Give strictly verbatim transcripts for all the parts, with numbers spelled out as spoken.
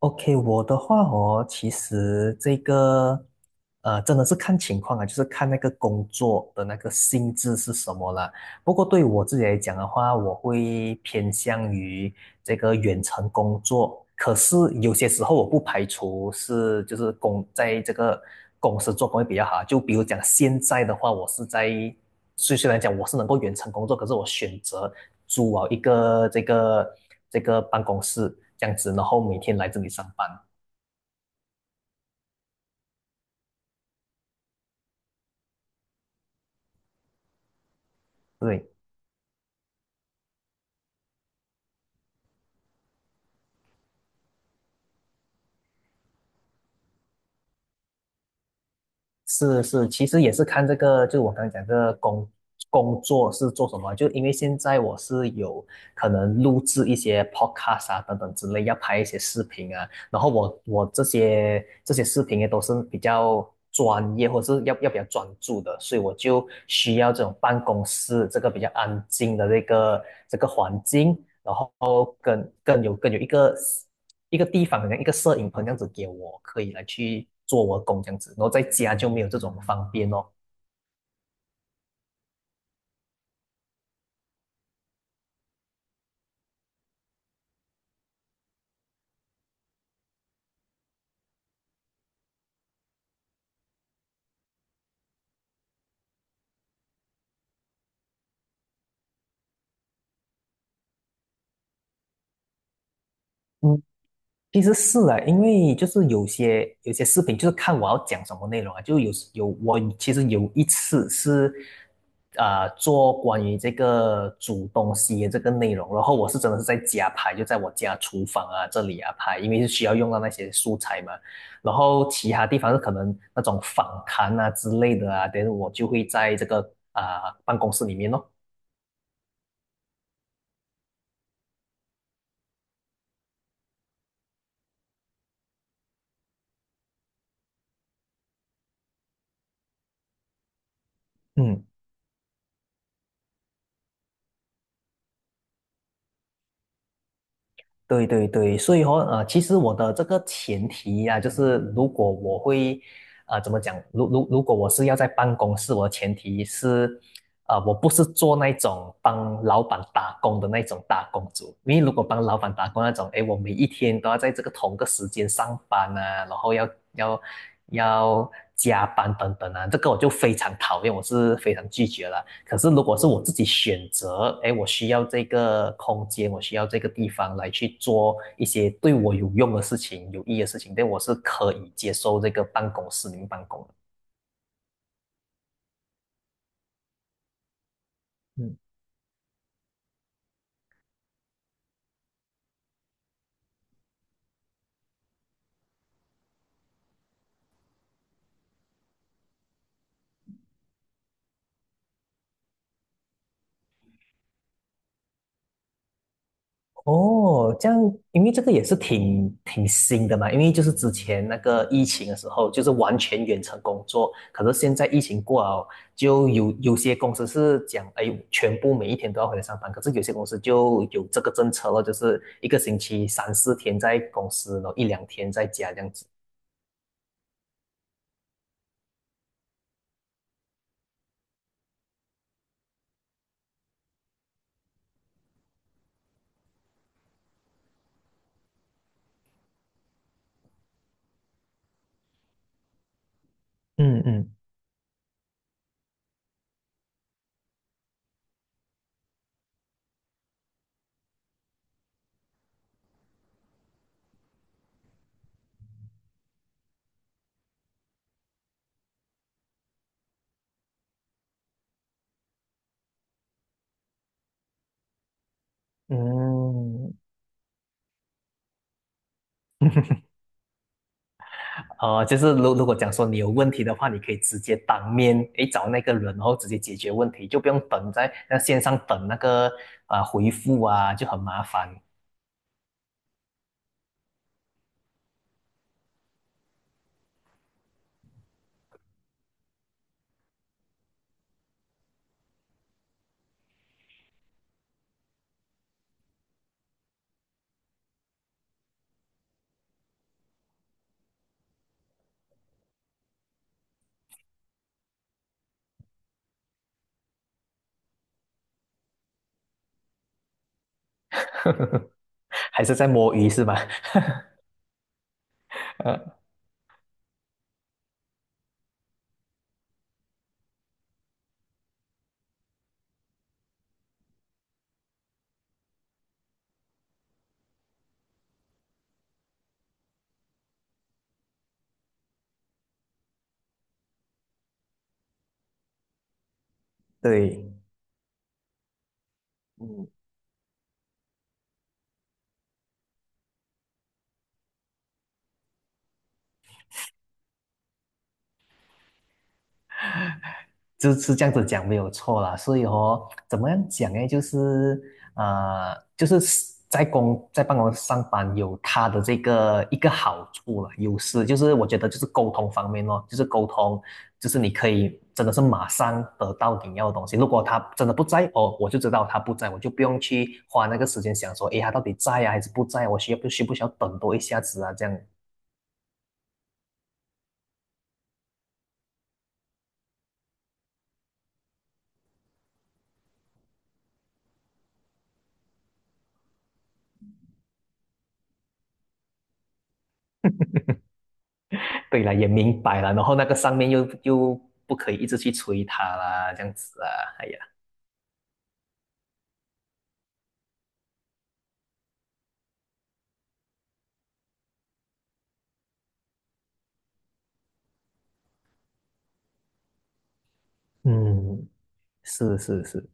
OK，我的话哦，其实这个呃，真的是看情况啊，就是看那个工作的那个性质是什么啦。不过对我自己来讲的话，我会偏向于这个远程工作。可是有些时候我不排除是就是公在这个公司做工会比较好啊。就比如讲现在的话，我是在虽虽然讲我是能够远程工作，可是我选择。租啊一个这个这个办公室这样子，然后每天来这里上班。对。是是，其实也是看这个，就我刚刚讲这个工工作是做什么，就因为现在我是有可能录制一些 podcast 啊等等之类，要拍一些视频啊，然后我我这些这些视频也都是比较专业或者是要要比较专注的，所以我就需要这种办公室这个比较安静的这个这个环境，然后更更有更有一个一个地方，好像一个摄影棚这样子给我，可以来去做我的工这样子，然后在家就没有这种方便哦。嗯。其实是啊，因为就是有些有些视频，就是看我要讲什么内容啊。就有时有我其实有一次是，啊做关于这个煮东西的这个内容，然后我是真的是在家拍，就在我家厨房啊这里啊拍，因为是需要用到那些素材嘛。然后其他地方是可能那种访谈啊之类的啊，等我就会在这个啊、办公室里面咯。嗯。对对对，所以哦，呃，其实我的这个前提呀、就是如果我会，呃，怎么讲？如如如果我是要在办公室，我的前提是啊、呃我不是做那种帮老板打工的那种打工族，因为如果帮老板打工那种，哎，我每一天都要在这个同个时间上班啊，然后要要要加班等等啊，这个我就非常讨厌，我是非常拒绝了。可是如果是我自己选择，哎，我需要这个空间，我需要这个地方来去做一些对我有用的事情、有意义的事情，对，我是可以接受这个办公室里面办公的。嗯哦，这样，因为这个也是挺挺新的嘛，因为就是之前那个疫情的时候，就是完全远程工作，可是现在疫情过了，就有有些公司是讲，哎，全部每一天都要回来上班，可是有些公司就有这个政策了，就是一个星期三四天在公司，然后一两天在家这样子。嗯嗯嗯，哦呃，就是如如果讲说你有问题的话，你可以直接当面诶找那个人，然后直接解决问题，就不用等在那线上等那个啊、呃回复啊，就很麻烦。还是在摸鱼是吧？对。嗯。就是这样子讲没有错啦，所以哦，怎么样讲呢？就是呃，就是在公在办公室上班有他的这个一个好处了，优势就是我觉得就是沟通方面哦，就是沟通，就是你可以真的是马上得到你要的东西。如果他真的不在哦，我就知道他不在，我就不用去花那个时间想说，诶，他到底在啊还是不在？我需要不需不需要等多一下子啊？这样对了，也明白了，然后那个上面又又不可以一直去催他啦，这样子啊，哎呀，嗯是是是，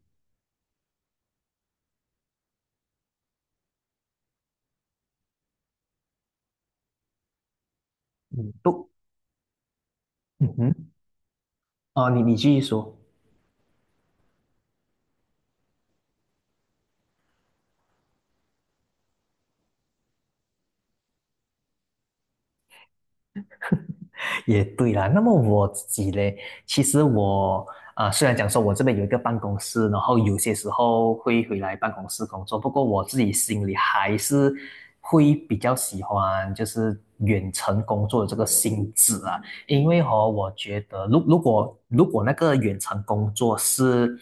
嗯不，嗯哼，哦，你你继续说，也对啦。那么我自己嘞，其实我啊、虽然讲说我这边有一个办公室，然后有些时候会回来办公室工作，不过我自己心里还是会比较喜欢就是远程工作的这个性质啊。因为哦，我觉得如如果如果那个远程工作是，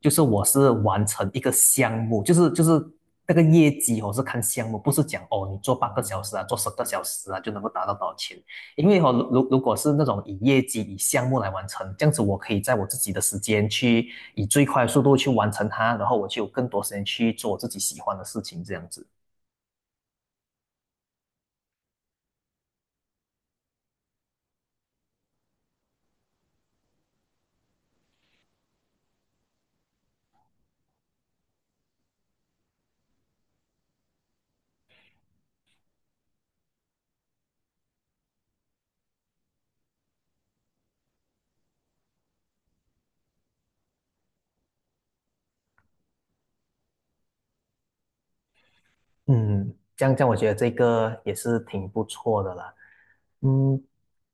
就是我是完成一个项目，就是就是那个业绩我是看项目，不是讲哦你做半个小时啊，做十个小时啊就能够达到多少钱。因为哦，如如果是那种以业绩、以项目来完成，这样子我可以在我自己的时间去以最快速度去完成它，然后我就有更多时间去做我自己喜欢的事情，这样子。嗯，这样这样，我觉得这个也是挺不错的啦。嗯，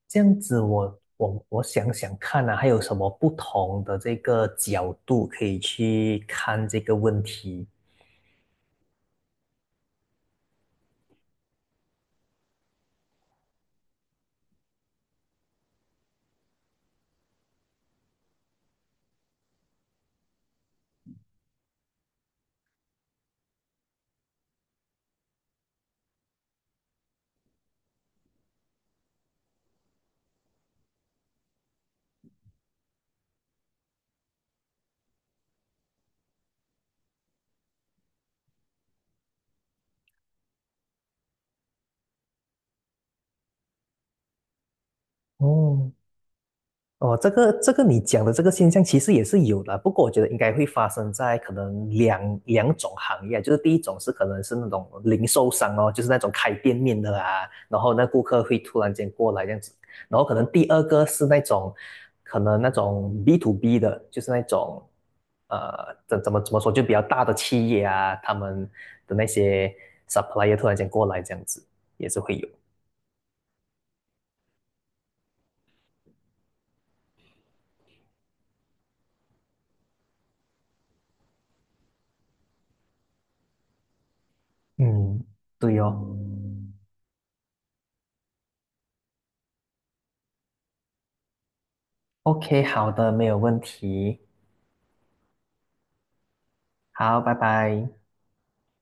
这样子我我我想想看啊，还有什么不同的这个角度可以去看这个问题？嗯。哦，这个这个你讲的这个现象其实也是有的，不过我觉得应该会发生在可能两两种行业，就是第一种是可能是那种零售商哦，就是那种开店面的啊，然后那顾客会突然间过来这样子，然后可能第二个是那种可能那种 B to B 的，就是那种呃怎怎么怎么说，就比较大的企业啊，他们的那些 supplier 突然间过来这样子，也是会有。嗯，对哦。OK,好的，没有问题。好，拜拜。